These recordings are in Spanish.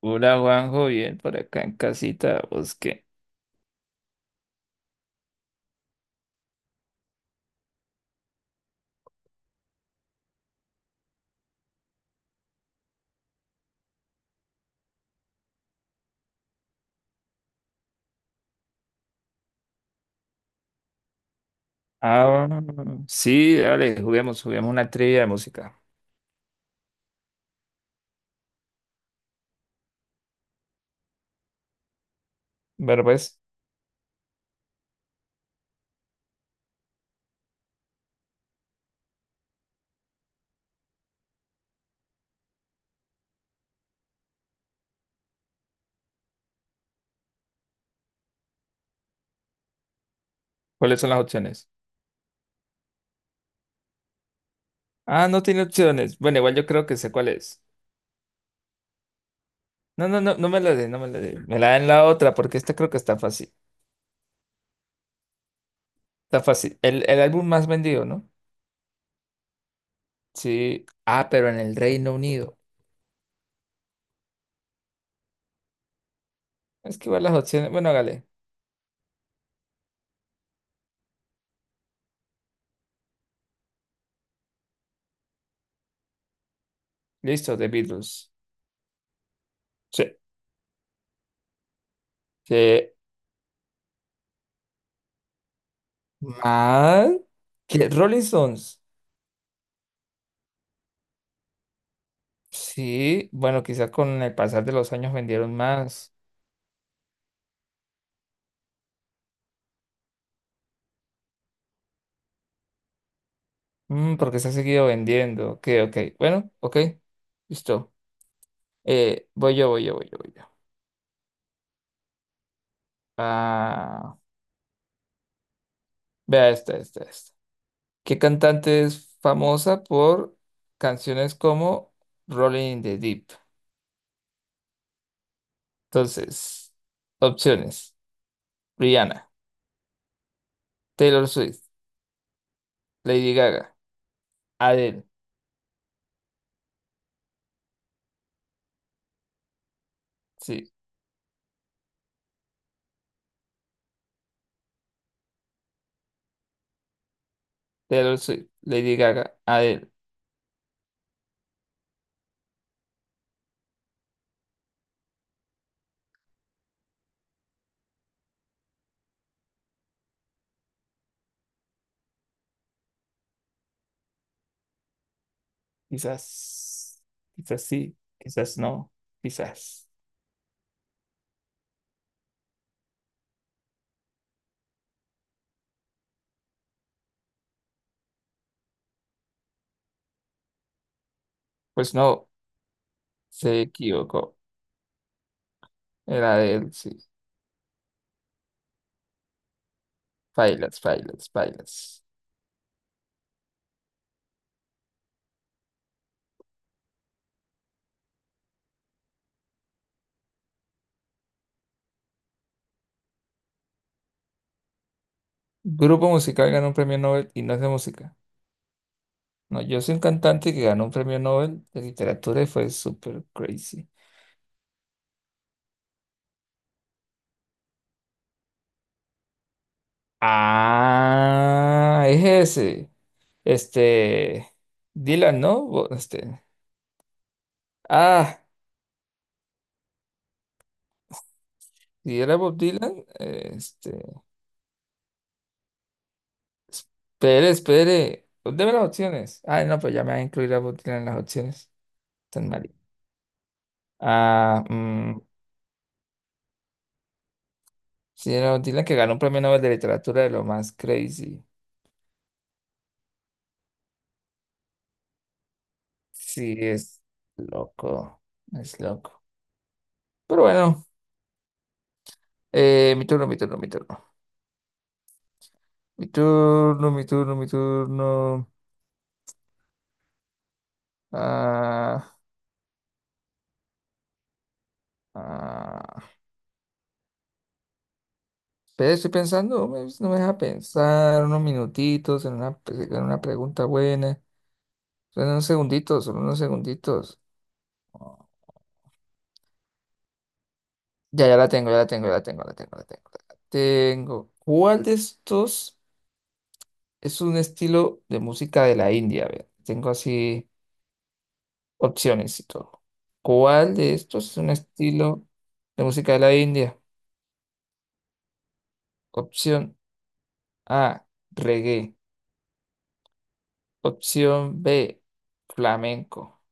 Hola Juanjo, bien por acá en casita, ¿vos qué? Ah, sí, dale, juguemos una trivia de música. Ver, pues, ¿cuáles son las opciones? Ah, no tiene opciones. Bueno, igual yo creo que sé cuál es. No, me la dé, no me la dé. Me la den la otra, porque esta creo que está fácil. Está fácil. El álbum más vendido, ¿no? Sí. Ah, pero en el Reino Unido. Es que igual las opciones. Bueno, hágale. Listo, The Beatles. Sí. ¿Qué más? ¿Qué? Rolling Stones. Sí, bueno, quizás con el pasar de los años vendieron más. Mm, porque se ha seguido vendiendo. Ok, ok. Bueno, ok, listo. Voy yo. Ah, vea esta. ¿Qué cantante es famosa por canciones como Rolling in the Deep? Entonces, opciones. Rihanna, Taylor Swift, Lady Gaga, Adele. Sí, Taylor Swift, Lady Gaga, Adele. Quizás, quizás sí, quizás no, quizás. Pues no, se equivocó. Era de él, sí. Failas, failas, failas. Grupo musical ganó un premio Nobel y no es de música. No, yo soy un cantante que ganó un premio Nobel de literatura y fue súper crazy. Ah, es ese. Este, Dylan, ¿no? Ah, si era Bob Dylan, este. Espere. Deme las opciones. Ay, no, pues ya me van a incluir a Bob Dylan en las opciones. Tan mal. Ah, sí, era Bob Dylan que ganó un premio Nobel de Literatura de lo más crazy. Sí, es loco. Es loco. Pero bueno, mi turno, mi turno, mi turno. Mi turno, mi turno, mi turno. Ah, ah. Pero estoy pensando. No me deja pensar unos minutitos en una pregunta buena. Son unos segunditos. Ya, ya la tengo, ya la tengo, ya la tengo, la tengo, la tengo, la tengo. ¿Cuál de estos es un estilo de música de la India? A ver, tengo así opciones y todo. ¿Cuál de estos es un estilo de música de la India? Opción A, reggae. Opción B, flamenco.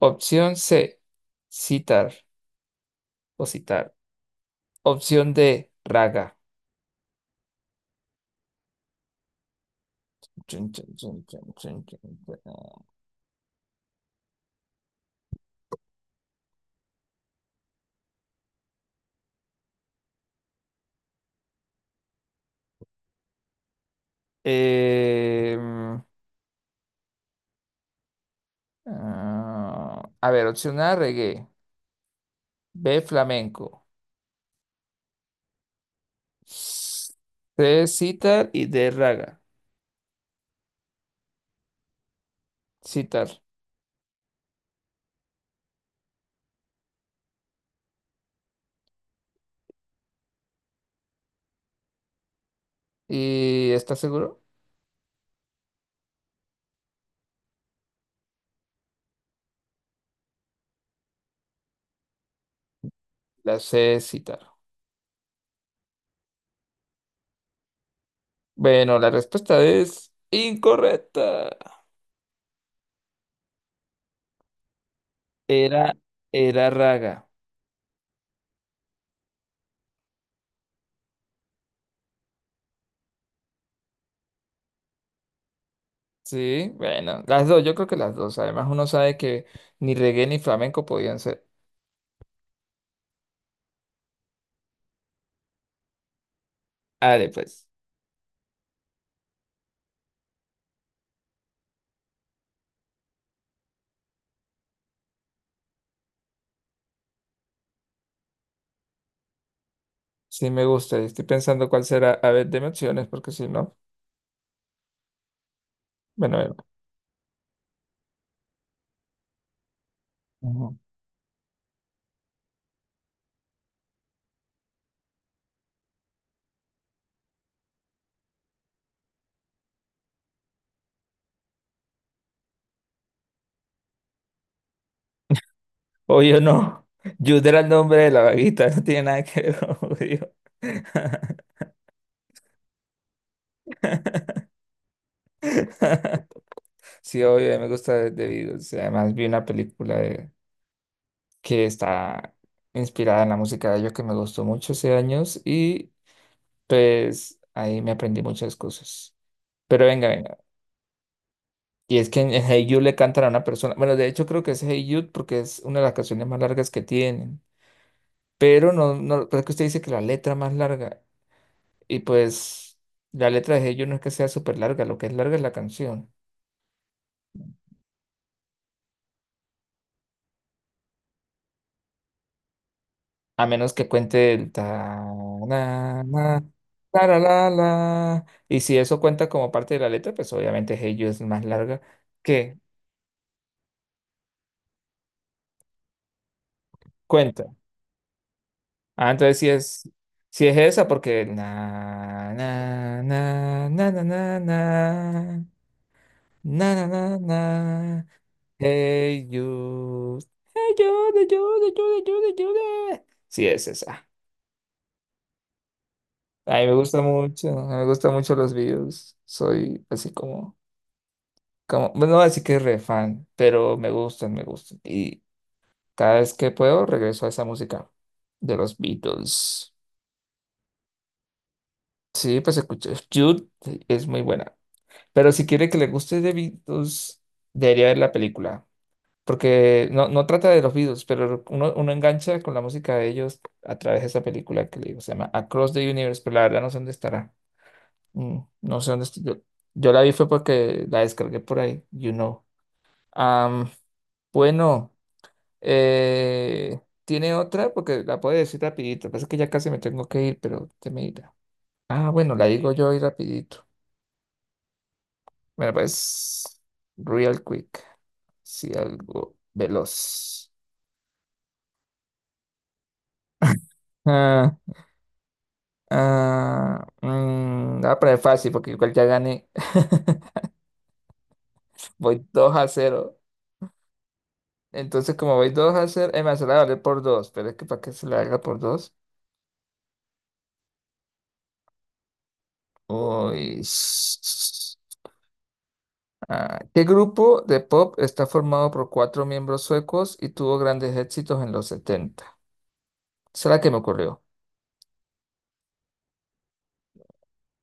Opción C, sitar sitar. Opción D, raga. Chun, chun, chun, chun, chun, chun, chun. Em, Ah, a ver, opción A, reggae. B, flamenco. C, sitar y D, raga. Sitar. ¿Y estás seguro? La C, sitar. Bueno, la respuesta es incorrecta. Era, era raga. Sí, bueno, las dos, yo creo que las dos. Además, uno sabe que ni reggae ni flamenco podían ser. Ale, pues, sí me gusta. Estoy pensando cuál será. A ver, deme opciones, porque si no, bueno, bueno. Obvio no. Jude era el nombre de la vaguita, no tiene nada que ver con judío. Sí, obvio, a mí me gusta de Beatles. Además, vi una película que está inspirada en la música de ellos que me gustó mucho hace años y pues ahí me aprendí muchas cosas. Pero venga. Y es que en Hey Jude le cantan a una persona. Bueno, de hecho creo que es Hey Jude porque es una de las canciones más largas que tienen. Pero no, no, creo que usted dice que la letra más larga. Y pues la letra de ellos no es que sea súper larga, lo que es larga es la canción. A menos que cuente el ta na na la la la la. Y si eso cuenta como parte de la letra, pues obviamente Hey You es más larga que cuenta. Ah, entonces si es si es esa porque na na na na na na na na na na na. Hey You. Hey You, ayuda, ayuda, ayuda, ayuda, ayuda. Sí es esa. A mí me gusta mucho, a mí me gustan mucho los videos. Soy así como, como, bueno, no así que re fan, pero me gustan. Y cada vez que puedo regreso a esa música de los Beatles. Sí, pues escucho. Jude es muy buena. Pero si quiere que le guste de Beatles, debería ver la película. Porque no, no trata de los Beatles, pero uno engancha con la música de ellos a través de esa película que le digo. Se llama Across the Universe, pero la verdad no sé dónde estará. Mm, no sé dónde estoy. Yo la vi fue porque la descargué por ahí, you know. Am, bueno, eh, ¿Tiene otra? Porque la puedo decir rapidito. Pasa que ya casi me tengo que ir, pero te me irá. Ah, bueno, la digo yo ahí rapidito. Bueno, pues, real quick. Sí, algo veloz. Ah, la voy a poner fácil porque igual ya gané. Voy 2 a cero. Entonces, como voy 2 a 0, me hace la vale por dos, pero es que para que se la haga por dos. Uy. Ah, ¿qué grupo de pop está formado por cuatro miembros suecos y tuvo grandes éxitos en los 70? Esa es la que me ocurrió.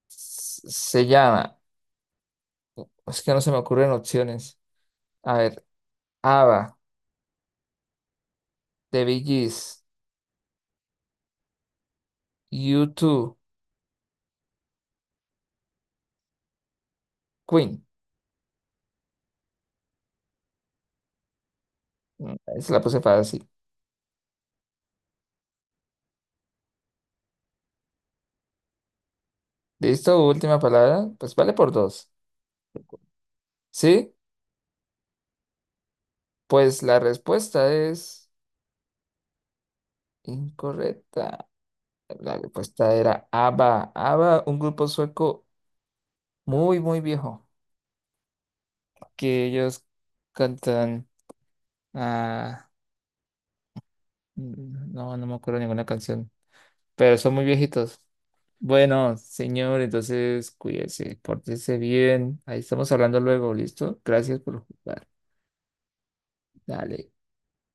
Se llama, es que no se me ocurren opciones. A ver, ABBA, The Bee Gees, U2, Queen. Mm, ahí se la puse fácil. ¿Listo? Última palabra. Pues vale por dos. ¿Sí? Pues la respuesta es... Incorrecta. La respuesta era ABBA. ABBA, un grupo sueco muy viejo, que ellos cantan... ah, no, no me acuerdo ninguna canción, pero son muy viejitos. Bueno, señor, entonces cuídese, pórtese bien. Ahí estamos hablando luego, ¿listo? Gracias por jugar. Dale.